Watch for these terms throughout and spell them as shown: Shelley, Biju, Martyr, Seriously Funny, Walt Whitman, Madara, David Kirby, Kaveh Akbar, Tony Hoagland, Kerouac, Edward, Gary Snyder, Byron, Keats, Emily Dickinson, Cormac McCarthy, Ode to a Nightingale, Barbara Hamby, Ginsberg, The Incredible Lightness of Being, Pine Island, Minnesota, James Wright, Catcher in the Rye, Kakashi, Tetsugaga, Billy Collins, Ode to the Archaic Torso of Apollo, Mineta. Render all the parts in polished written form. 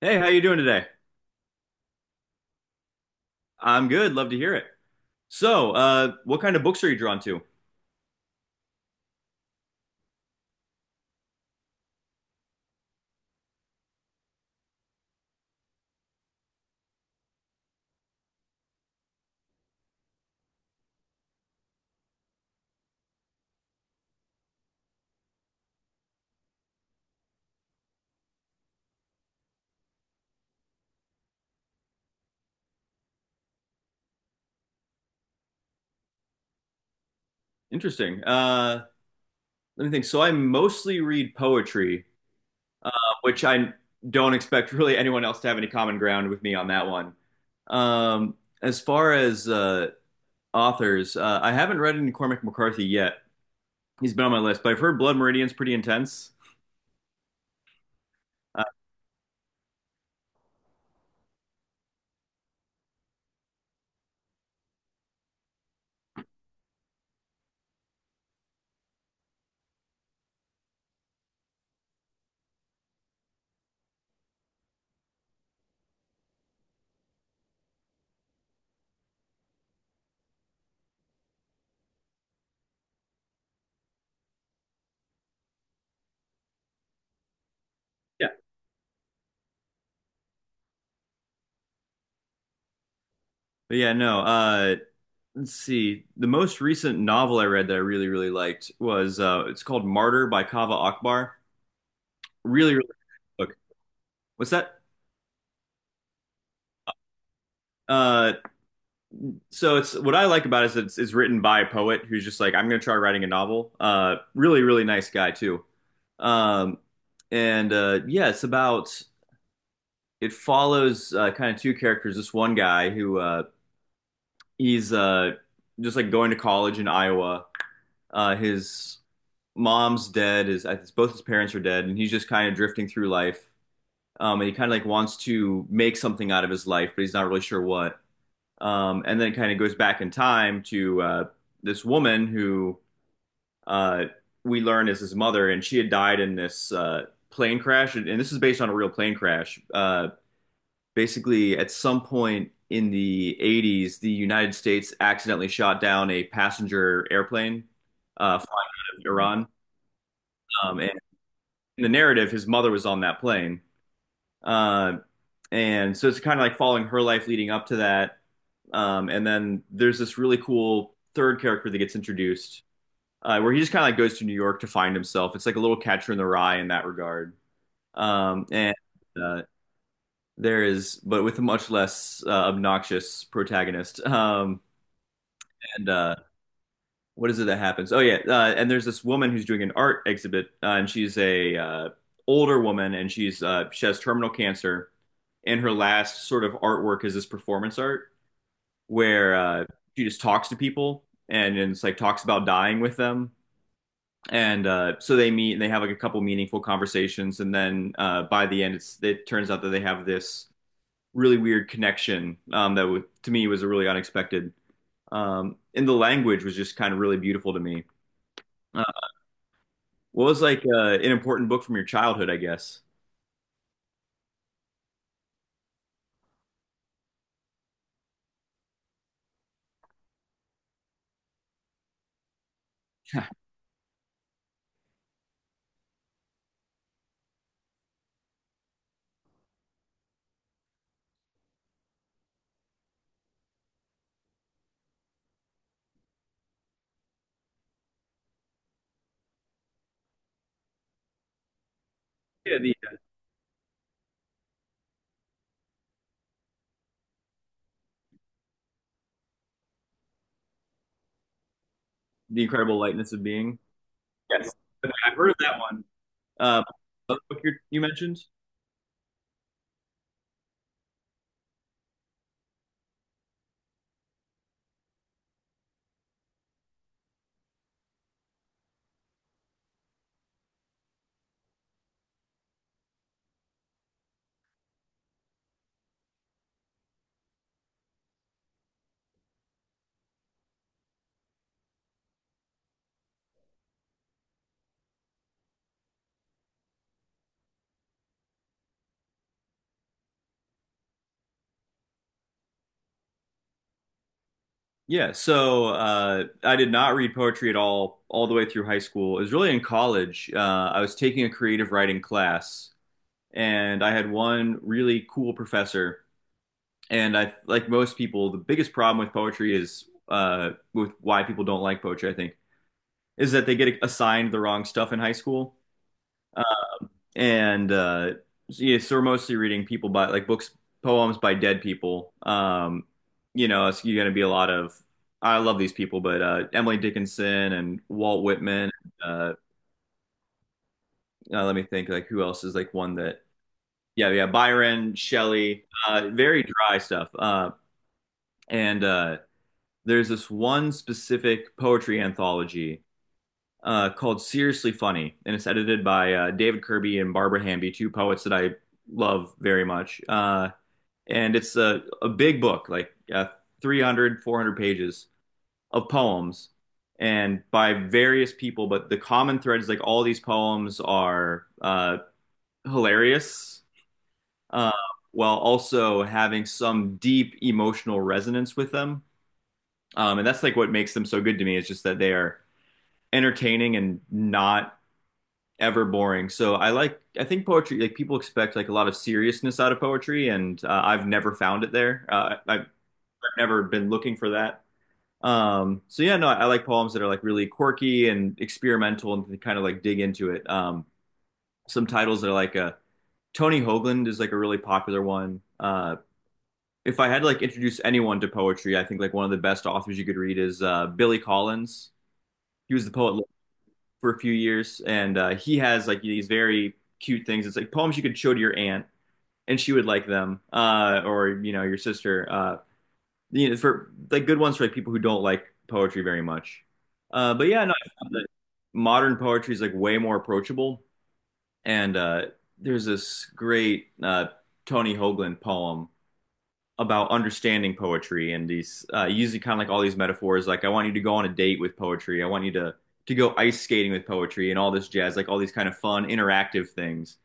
Hey, how you doing today? I'm good. Love to hear it. So, what kind of books are you drawn to? Interesting. Let me think. So, I mostly read poetry, which I don't expect really anyone else to have any common ground with me on that one. Um, as far as authors, I haven't read any Cormac McCarthy yet. He's been on my list, but I've heard Blood Meridian's pretty intense. Uh, yeah, but yeah, no. Let's see. The most recent novel I read that I really, really liked was it's called Martyr by Kaveh Akbar. Really, really good book. What's that? Uh, so it's what I like about it is that it's written by a poet who's just like, I'm gonna try writing a novel. Really, really nice guy too. Um, and yeah, it follows kind of two characters. This one guy who he's just like going to college in Iowa. His mom's dead. His Both his parents are dead, and he's just kind of drifting through life. And he kind of like wants to make something out of his life, but he's not really sure what. And then it kind of goes back in time to this woman who uh, we learn is his mother, and she had died in this plane crash. And, this is based on a real plane crash. Basically, at some point in the 80s, the United States accidentally shot down a passenger airplane flying to Iran. And in the narrative, his mother was on that plane. Uh, and so it's kind of like following her life leading up to that. And then there's this really cool third character that gets introduced, where he just kind of like goes to New York to find himself. It's like a little Catcher in the Rye in that regard. And uh, there is, but with a much less obnoxious protagonist. And what is it that happens? Oh yeah, and there's this woman who's doing an art exhibit, and she's a older woman, and she has terminal cancer, and her last sort of artwork is this performance art where she just talks to people and it's like talks about dying with them. And so they meet and they have like a couple meaningful conversations. And then by the end, it turns out that they have this really weird connection that w to me was a really unexpected. And the language was just kind of really beautiful to me. Uh, what was like an important book from your childhood, I guess? Yeah, the, the Incredible Lightness of Being. Yes. I've heard of that one. Uh, what book you mentioned? Yeah, so I did not read poetry at all the way through high school. It was really in college. I was taking a creative writing class, and I had one really cool professor. And I, like most people, the biggest problem with poetry is, with why people don't like poetry, I think, is that they get assigned the wrong stuff in high school and So, yeah, so we're mostly reading people by like books, poems by dead people. You know, it's you're gonna be a lot of, I love these people, but Emily Dickinson and Walt Whitman. Uh, Let me think, like who else is like one that? Yeah, yeah, Byron, Shelley, very dry stuff. And there's this one specific poetry anthology called Seriously Funny, and it's edited by David Kirby and Barbara Hamby, two poets that I love very much. And it's a big book like 300 pages of poems and by various people, but the common thread is like all these poems are hilarious, uh, while also having some deep emotional resonance with them, and that's like what makes them so good to me. It's just that they are entertaining and not ever boring. So I like, I think poetry like people expect like a lot of seriousness out of poetry, and I've never found it there. I never been looking for that. So yeah, no, I like poems that are like really quirky and experimental and kind of like dig into it. Some titles that are like a, Tony Hoagland is like a really popular one. If I had to like introduce anyone to poetry, I think like one of the best authors you could read is Billy Collins. He was the poet for a few years, and he has like these very cute things. It's like poems you could show to your aunt, and she would like them, or you know your sister. You know, for like good ones, for like people who don't like poetry very much. But yeah, no, I found that modern poetry is like way more approachable. And there's this great Tony Hoagland poem about understanding poetry and these using kind of like all these metaphors. Like I want you to go on a date with poetry. I want you to go ice skating with poetry and all this jazz, like all these kind of fun interactive things.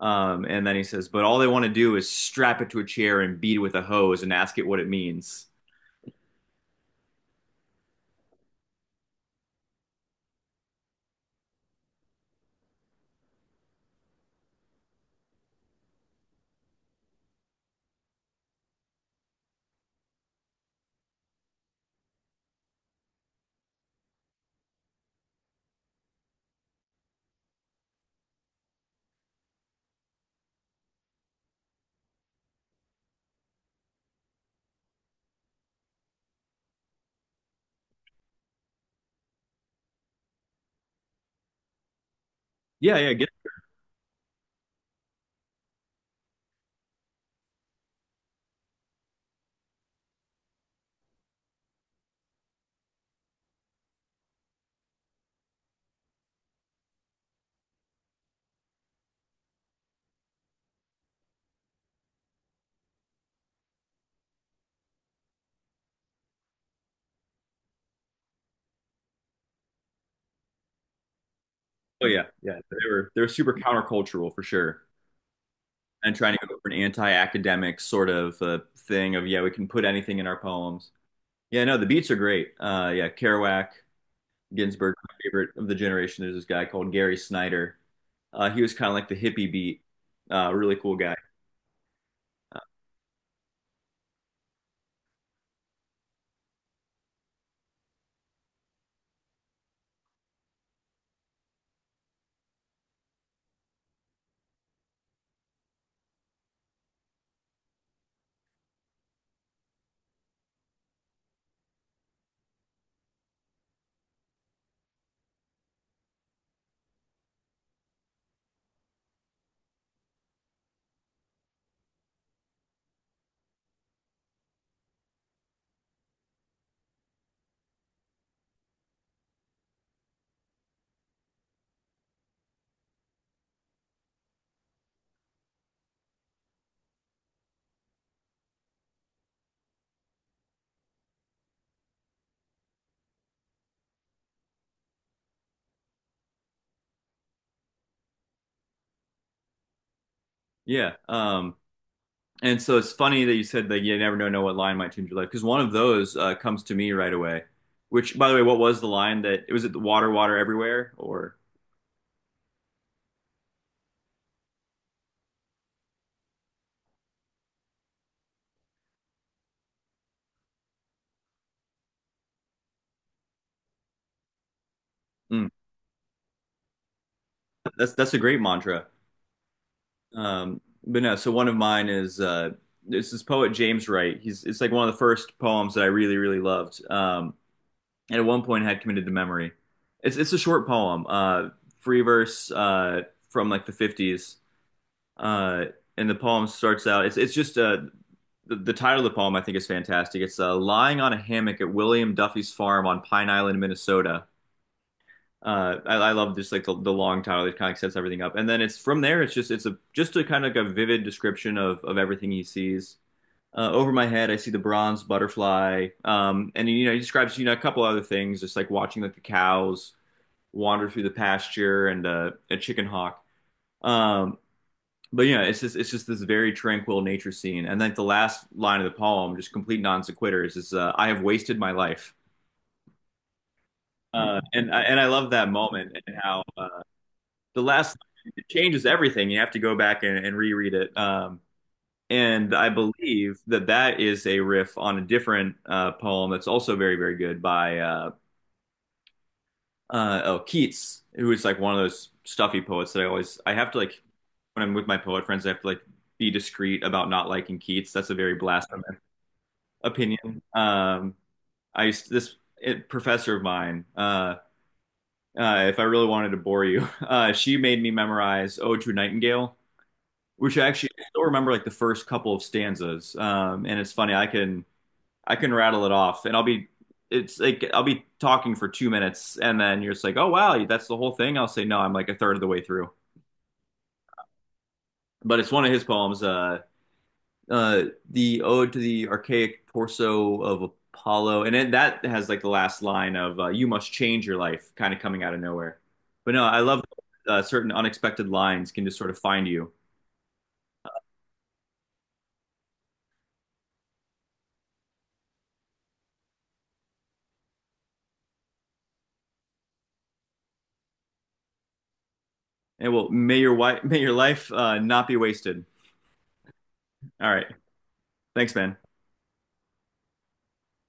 And then he says, but all they want to do is strap it to a chair and beat it with a hose and ask it what it means. Yeah, yeah, get Oh yeah, yeah. They were super countercultural for sure, and trying to go for an anti-academic sort of thing of, yeah, we can put anything in our poems. Yeah, no, the beats are great. Yeah, Kerouac, Ginsberg, my favorite of the generation. There's this guy called Gary Snyder. He was kind of like the hippie beat, really cool guy. Uh, yeah, um, and so it's funny that you said that you never know what line might change your life, because one of those comes to me right away. Which, by the way, what was the line? That was it? The water, water everywhere, or mm. That's a great mantra. Um, but no, so one of mine is, this is poet James Wright. He's It's like one of the first poems that I really really loved. And at one point I had committed to memory. It's a short poem, free verse, from like the fifties. Uh, and the poem starts out. It's just the title of the poem, I think, is fantastic. It's lying on a hammock at William Duffy's farm on Pine Island, Minnesota. I love just like the long title that kind of sets everything up, and then it's from there, it's a just a kind of like a vivid description of everything he sees. Over my head I see the bronze butterfly, and you know, he describes, you know, a couple other things, just like watching like the cows wander through the pasture and a chicken hawk. Um but yeah, it's just this very tranquil nature scene, and then the last line of the poem, just complete non sequiturs, is, I have wasted my life. And I love that moment, and how the last line, it changes everything. You have to go back and reread it. And I believe that that is a riff on a different poem that's also very, very good by, oh, Keats, who is like one of those stuffy poets that I always, I have to like, when I'm with my poet friends, I have to like be discreet about not liking Keats. That's a very blasphemous opinion. I used to, this professor of mine. If I really wanted to bore you, she made me memorize "Ode to a Nightingale," which actually I still remember like the first couple of stanzas. And it's funny, I can rattle it off, and I'll be it's like I'll be talking for 2 minutes, and then you're just like, oh wow, that's the whole thing. I'll say no, I'm like a third of the way through. But it's one of his poems, uh, the Ode to the Archaic Torso of Apollo, and it, that has like the last line of "You must change your life," kind of coming out of nowhere. But no, I love certain unexpected lines can just sort of find you. And well, may your life not be wasted. All right. Thanks, man.